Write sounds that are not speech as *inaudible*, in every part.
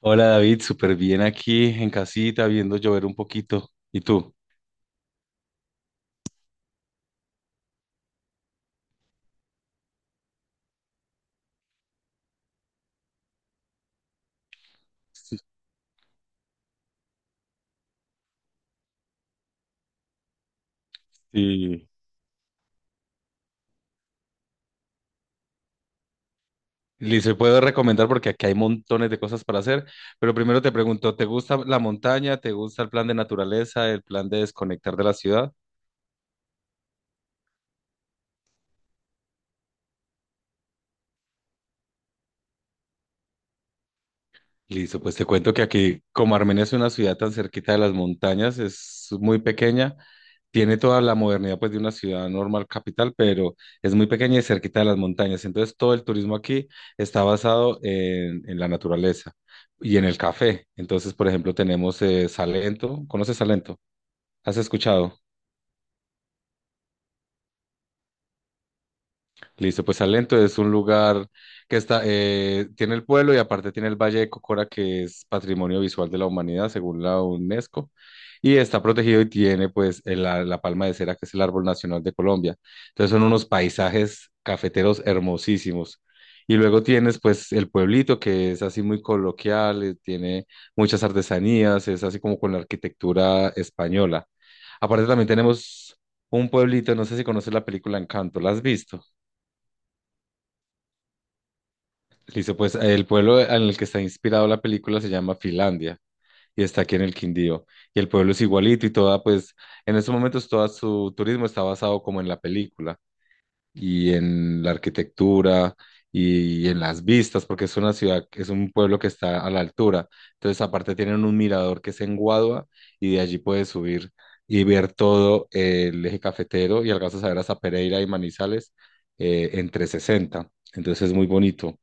Hola David, súper bien aquí en casita, viendo llover un poquito. ¿Y tú? Sí. Sí. Y se puedo recomendar porque aquí hay montones de cosas para hacer, pero primero te pregunto, ¿te gusta la montaña? ¿Te gusta el plan de naturaleza? ¿El plan de desconectar de la ciudad? Listo, pues te cuento que aquí, como Armenia es una ciudad tan cerquita de las montañas, es muy pequeña, tiene toda la modernidad pues de una ciudad normal capital, pero es muy pequeña y cerquita de las montañas. Entonces todo el turismo aquí está basado en la naturaleza y en el café. Entonces, por ejemplo, tenemos Salento. ¿Conoces Salento? ¿Has escuchado? Listo, pues Salento es un lugar que está, tiene el pueblo y aparte tiene el Valle de Cocora, que es Patrimonio Visual de la Humanidad, según la UNESCO, y está protegido y tiene pues la palma de cera, que es el árbol nacional de Colombia. Entonces son unos paisajes cafeteros hermosísimos. Y luego tienes pues el pueblito, que es así muy coloquial, tiene muchas artesanías, es así como con la arquitectura española. Aparte también tenemos un pueblito, no sé si conoces la película Encanto, ¿la has visto? Listo, pues el pueblo en el que está inspirado la película se llama Finlandia y está aquí en el Quindío. Y el pueblo es igualito y toda, pues en estos momentos todo su turismo está basado como en la película y en la arquitectura y en las vistas, porque es una ciudad, es un pueblo que está a la altura. Entonces aparte tienen un mirador que es en Guadua y de allí puedes subir y ver todo el eje cafetero y alcanzas a ver hasta Pereira y Manizales en 360. Entonces es muy bonito.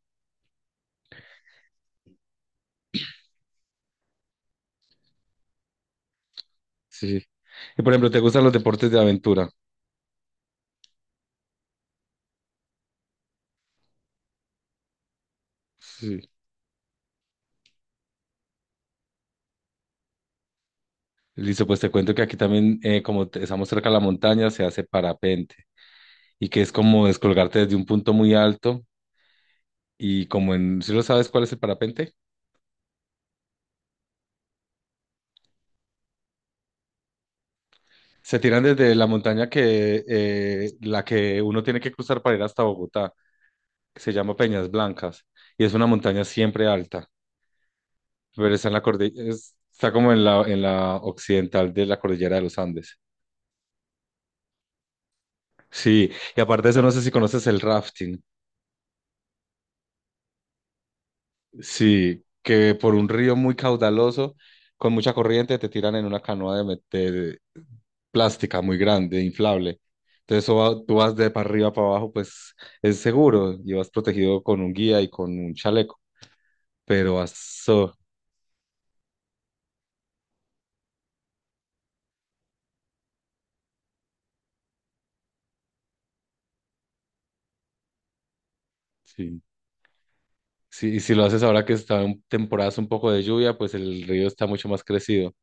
Sí. Y por ejemplo, ¿te gustan los deportes de aventura? Sí. Listo, pues te cuento que aquí también, estamos cerca de la montaña, se hace parapente y que es como descolgarte desde un punto muy alto y como en, ¿si lo sabes cuál es el parapente? Se tiran desde la montaña que la que uno tiene que cruzar para ir hasta Bogotá, que se llama Peñas Blancas y es una montaña siempre alta, pero está en la cordillera, está como en la occidental de la cordillera de los Andes. Sí, y aparte de eso, no sé si conoces el rafting. Sí, que por un río muy caudaloso, con mucha corriente, te tiran en una canoa plástica muy grande, inflable. Tú vas de para arriba para abajo, pues es seguro y vas protegido con un guía y con un chaleco. Pero vas so- sí. Sí, y si lo haces ahora que está en temporadas un poco de lluvia, pues el río está mucho más crecido.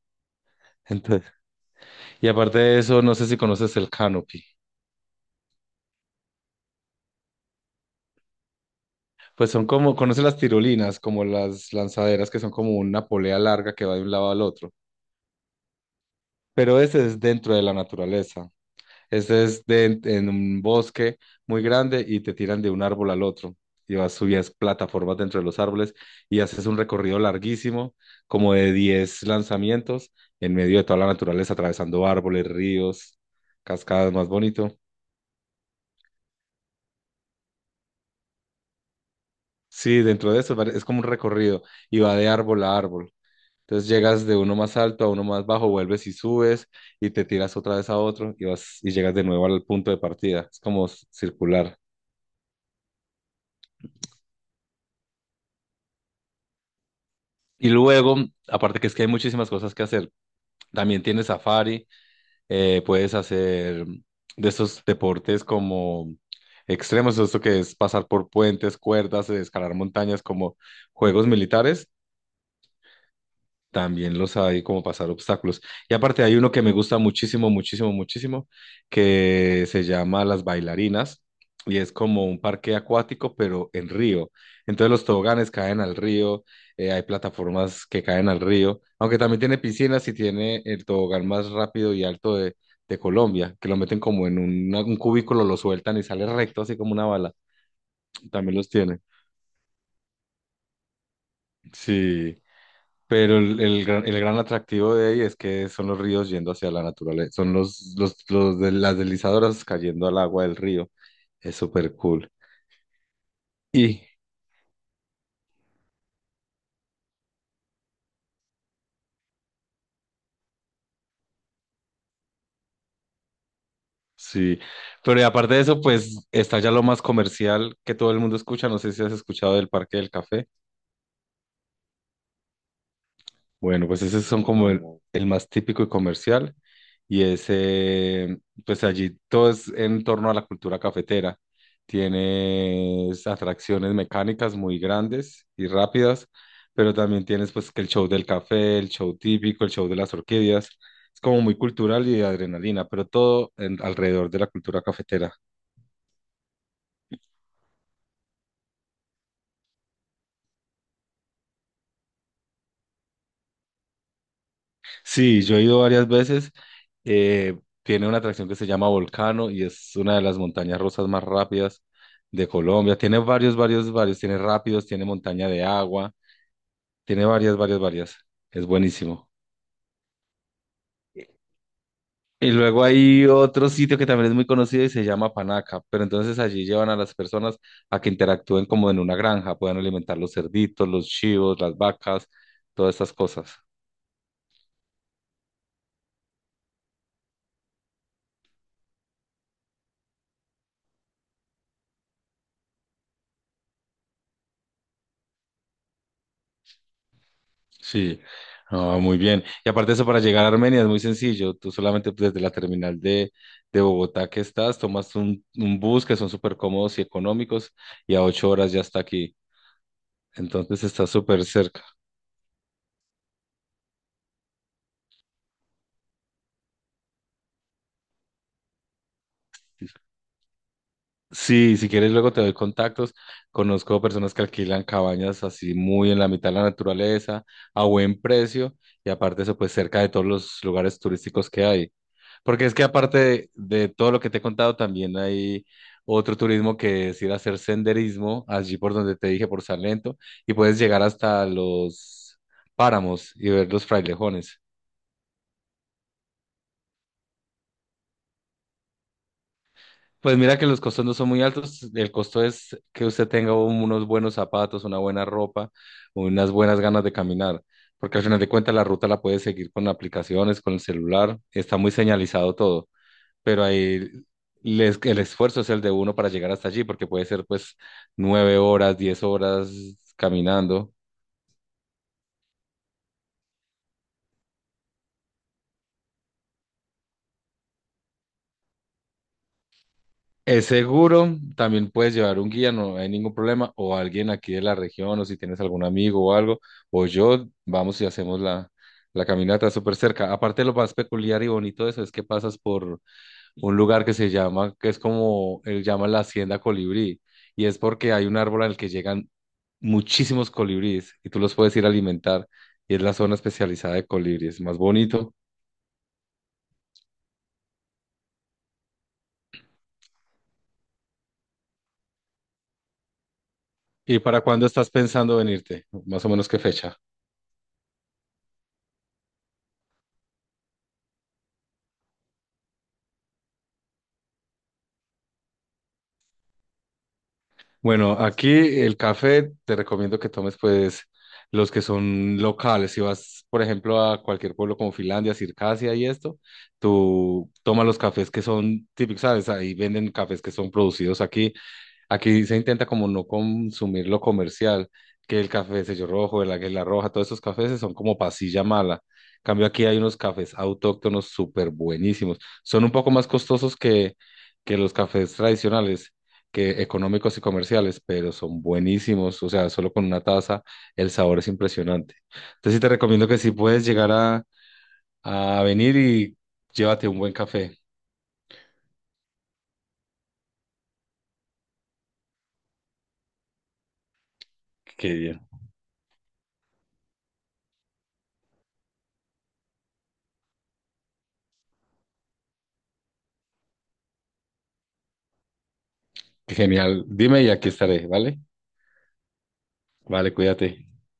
*laughs* Entonces, y aparte de eso, no sé si conoces el canopy. Pues son como, ¿conoces las tirolinas? Como las lanzaderas que son como una polea larga que va de un lado al otro. Pero ese es dentro de la naturaleza. En un bosque muy grande y te tiran de un árbol al otro. Y vas, subías plataformas dentro de los árboles y haces un recorrido larguísimo, como de 10 lanzamientos, en medio de toda la naturaleza, atravesando árboles, ríos, cascadas, más bonito. Sí, dentro de eso es como un recorrido y va de árbol a árbol. Entonces llegas de uno más alto a uno más bajo, vuelves y subes y te tiras otra vez a otro y vas y llegas de nuevo al punto de partida. Es como circular. Y luego, aparte que es que hay muchísimas cosas que hacer. También tienes safari, puedes hacer de esos deportes como extremos, esto que es pasar por puentes, cuerdas, escalar montañas, como juegos militares. También los hay como pasar obstáculos. Y aparte hay uno que me gusta muchísimo, muchísimo, muchísimo, que se llama Las Bailarinas y es como un parque acuático, pero en río. Entonces los toboganes caen al río, hay plataformas que caen al río, aunque también tiene piscinas y tiene el tobogán más rápido y alto de Colombia, que lo meten como en un cubículo, lo sueltan y sale recto, así como una bala. También los tiene. Sí. Pero el gran atractivo de ahí es que son los ríos yendo hacia la naturaleza, son los de las deslizadoras cayendo al agua del río. Es súper cool. Y sí, pero y aparte de eso, pues está ya lo más comercial que todo el mundo escucha. No sé si has escuchado del Parque del Café. Bueno, pues esos son como el más típico y comercial. Y ese, pues allí todo es en torno a la cultura cafetera. Tienes atracciones mecánicas muy grandes y rápidas, pero también tienes pues que el show del café, el show típico, el show de las orquídeas. Es como muy cultural y de adrenalina, pero alrededor de la cultura cafetera. Sí, yo he ido varias veces. Tiene una atracción que se llama Volcano y es una de las montañas rusas más rápidas de Colombia. Tiene varios, varios, varios. Tiene rápidos, tiene montaña de agua, tiene varias, varias, varias. Es buenísimo. Y luego hay otro sitio que también es muy conocido y se llama Panaca, pero entonces allí llevan a las personas a que interactúen como en una granja, puedan alimentar los cerditos, los chivos, las vacas, todas estas cosas. Sí, ah, muy bien. Y aparte de eso, para llegar a Armenia es muy sencillo. Tú solamente pues, desde la terminal de Bogotá que estás, tomas un bus que son súper cómodos y económicos y a 8 horas ya está aquí. Entonces está súper cerca. Sí, si quieres luego te doy contactos. Conozco personas que alquilan cabañas así muy en la mitad de la naturaleza, a buen precio y aparte de eso, pues cerca de todos los lugares turísticos que hay. Porque es que aparte de todo lo que te he contado, también hay otro turismo que es ir a hacer senderismo, allí por donde te dije, por Salento, y puedes llegar hasta los páramos y ver los frailejones. Pues mira que los costos no son muy altos, el costo es que usted tenga unos buenos zapatos, una buena ropa, unas buenas ganas de caminar, porque al final de cuentas la ruta la puedes seguir con aplicaciones, con el celular, está muy señalizado todo. Pero ahí el esfuerzo es el de uno para llegar hasta allí, porque puede ser pues 9 horas, 10 horas caminando. Es seguro, también puedes llevar un guía, no hay ningún problema, o alguien aquí de la región, o si tienes algún amigo o algo, o yo, vamos y hacemos la caminata súper cerca. Aparte, lo más peculiar y bonito de eso es que pasas por un lugar que se llama, que es como él llama la Hacienda Colibrí, y es porque hay un árbol al que llegan muchísimos colibríes y tú los puedes ir a alimentar, y es la zona especializada de colibríes, más bonito. ¿Y para cuándo estás pensando venirte? Más o menos qué fecha. Bueno, aquí el café te recomiendo que tomes pues los que son locales. Si vas, por ejemplo, a cualquier pueblo como Finlandia, Circasia y esto, tú toma los cafés que son típicos, ¿sabes? Ahí venden cafés que son producidos aquí. Aquí se intenta como no consumir lo comercial, que el café de sello rojo, el águila roja, todos esos cafés son como pasilla mala. Cambio aquí hay unos cafés autóctonos súper buenísimos. Son un poco más costosos que los cafés tradicionales, que económicos y comerciales, pero son buenísimos. O sea, solo con una taza el sabor es impresionante. Entonces sí te recomiendo que si puedes llegar a venir y llévate un buen café. Qué bien, qué genial. Dime y aquí estaré, ¿vale? Vale, cuídate.